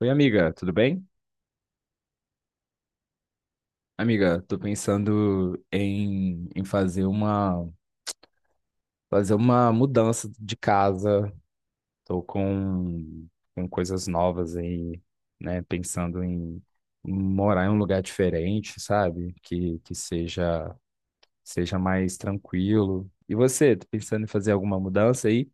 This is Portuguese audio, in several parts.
Oi, amiga, tudo bem? Amiga, tô pensando em fazer uma mudança de casa. Tô com coisas novas aí, né? Pensando em morar em um lugar diferente, sabe? Que seja mais tranquilo. E você, tá pensando em fazer alguma mudança aí?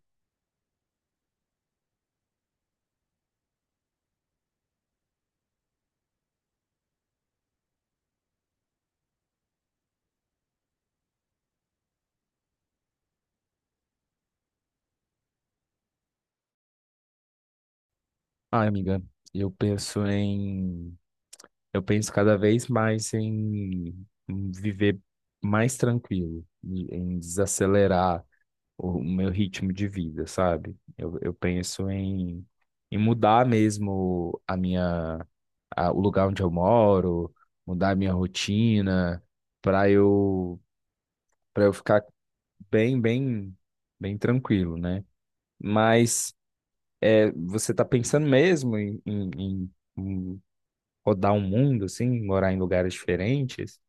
Ah, amiga, eu penso em Eu penso cada vez mais em viver mais tranquilo, em desacelerar o meu ritmo de vida, sabe? Eu penso em mudar mesmo o lugar onde eu moro, mudar a minha rotina, para eu, para eu ficar bem, bem, bem tranquilo, né? Mas é, você tá pensando mesmo em rodar o mundo, assim, morar em lugares diferentes?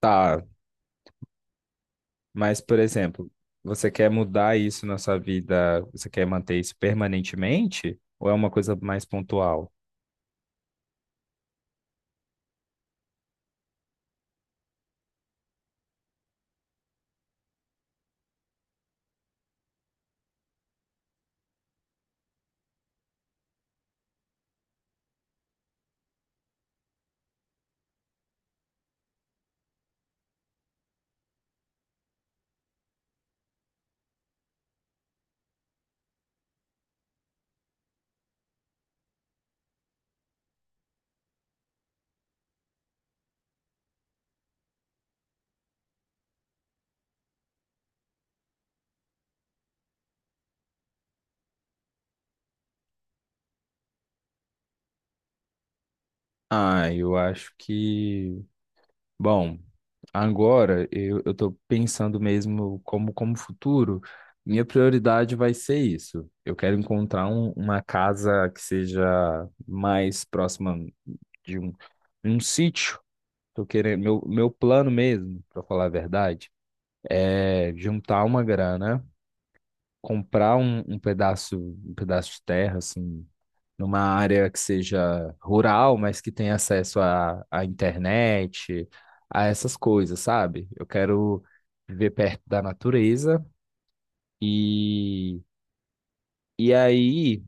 Tá, mas por exemplo, você quer mudar isso na sua vida? Você quer manter isso permanentemente? Ou é uma coisa mais pontual? Ah, eu acho que. Bom, agora eu tô pensando mesmo como futuro. Minha prioridade vai ser isso. Eu quero encontrar uma casa que seja mais próxima de um, um sítio. Tô querendo, meu plano mesmo, para falar a verdade, é juntar uma grana comprar um pedaço de terra, assim, numa área que seja rural, mas que tenha acesso à internet, a essas coisas, sabe? Eu quero viver perto da natureza e, e aí,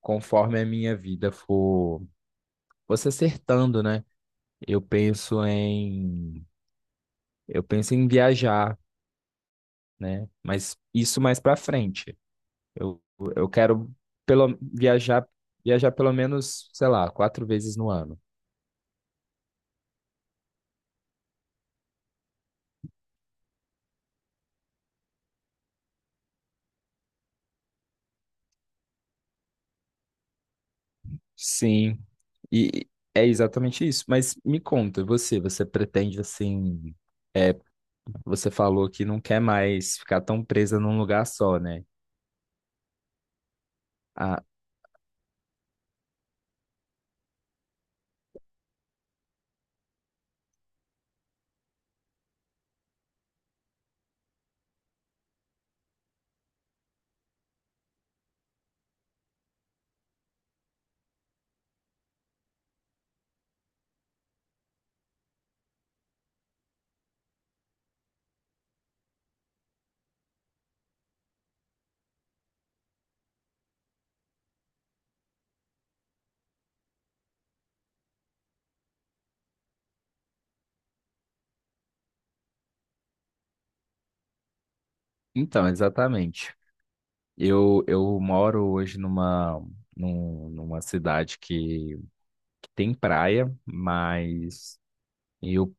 conforme a minha vida for se acertando, né? Eu penso em, eu penso em viajar, né? Mas isso mais para frente. Eu, eu quero pelo, viajar, viajar pelo menos, sei lá, 4 vezes no ano. Sim. E é exatamente isso. Mas me conta, você pretende assim, é, você falou que não quer mais ficar tão presa num lugar só, né? Ah, então, exatamente. Eu moro hoje numa cidade que tem praia, mas eu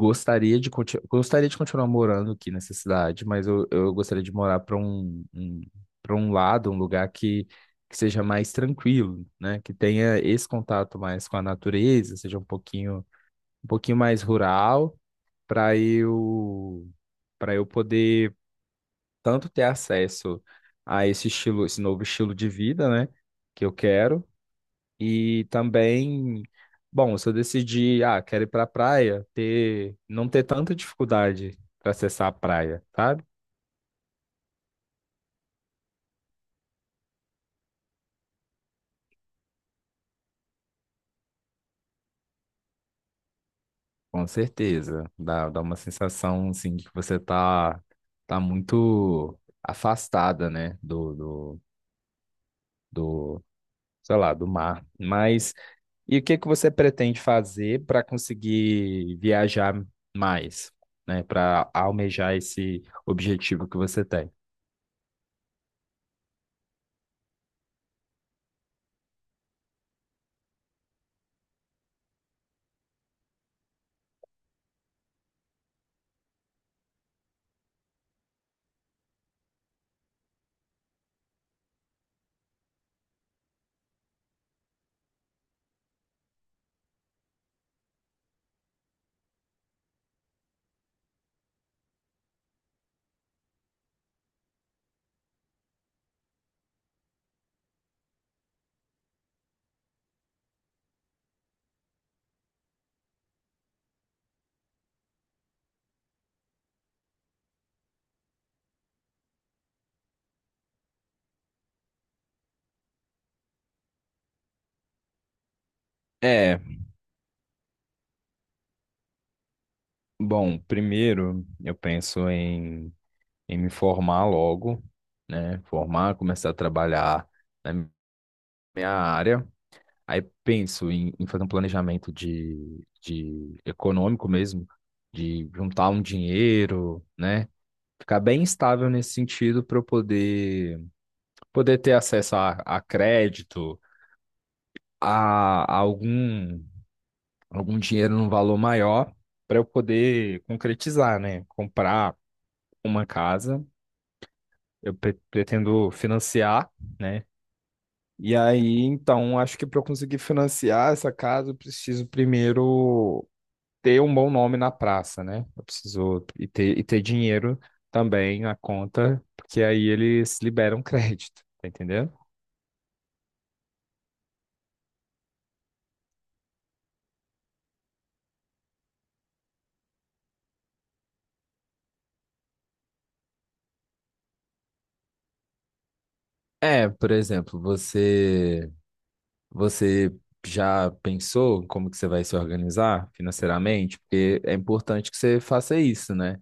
Gostaria de continuar morando aqui nessa cidade, mas eu gostaria de morar para para um lado, um lugar que seja mais tranquilo, né? Que tenha esse contato mais com a natureza, seja um pouquinho mais rural, para eu, para eu poder tanto ter acesso a esse novo estilo de vida, né? Que eu quero e também, bom, se eu decidir, ah, quero ir pra praia, não ter tanta dificuldade para acessar a praia, sabe? Com certeza. Dá uma sensação, assim, de que você tá, tá muito afastada, né? Do, sei lá, do mar. Mas, e o que que você pretende fazer para conseguir viajar mais, né? Para almejar esse objetivo que você tem? é Bom, primeiro eu penso em me formar logo, né? Formar, começar a trabalhar na minha área. Aí penso em fazer um planejamento de econômico mesmo, de juntar um dinheiro, né? Ficar bem estável nesse sentido poder ter acesso a crédito, a algum dinheiro num valor maior, para eu poder concretizar, né? Comprar uma casa. Eu pretendo financiar, né? E aí, então, acho que para eu conseguir financiar essa casa, eu preciso primeiro ter um bom nome na praça, né? Eu preciso e ter dinheiro também na conta, porque aí eles liberam crédito, tá entendendo? É, por exemplo, você já pensou como que você vai se organizar financeiramente? Porque é importante que você faça isso, né?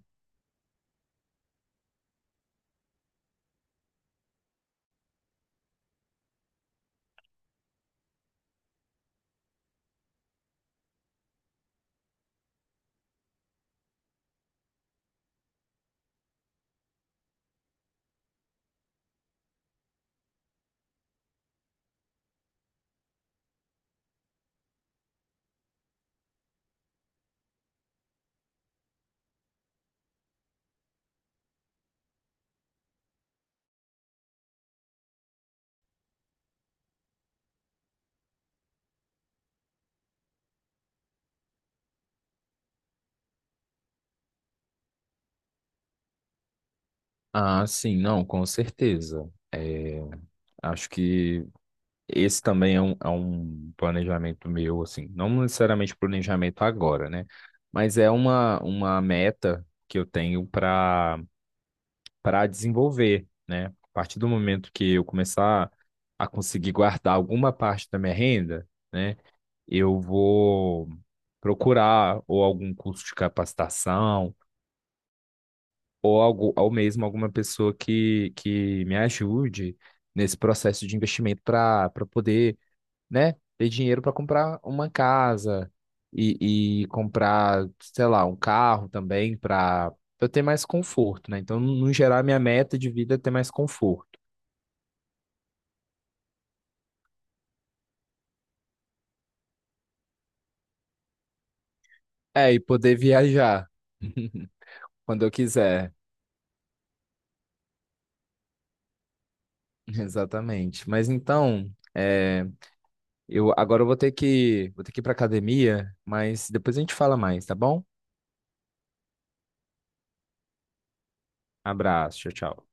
Ah, sim, não, com certeza. É, acho que Esse também é é um planejamento meu, assim, não necessariamente planejamento agora, né? Mas é uma meta que eu tenho para desenvolver, né? A partir do momento que eu começar a conseguir guardar alguma parte da minha renda, né? Eu vou procurar ou algum curso de capacitação ou algo, ou mesmo alguma pessoa que me ajude nesse processo de investimento para poder, né, ter dinheiro para comprar uma casa e comprar, sei lá, um carro também para eu ter mais conforto, né? Então, no geral, minha meta de vida é ter mais conforto. É, e poder viajar quando eu quiser. Exatamente. Mas então, é, eu agora eu vou ter que ir para academia, mas depois a gente fala mais, tá bom? Abraço, tchau, tchau.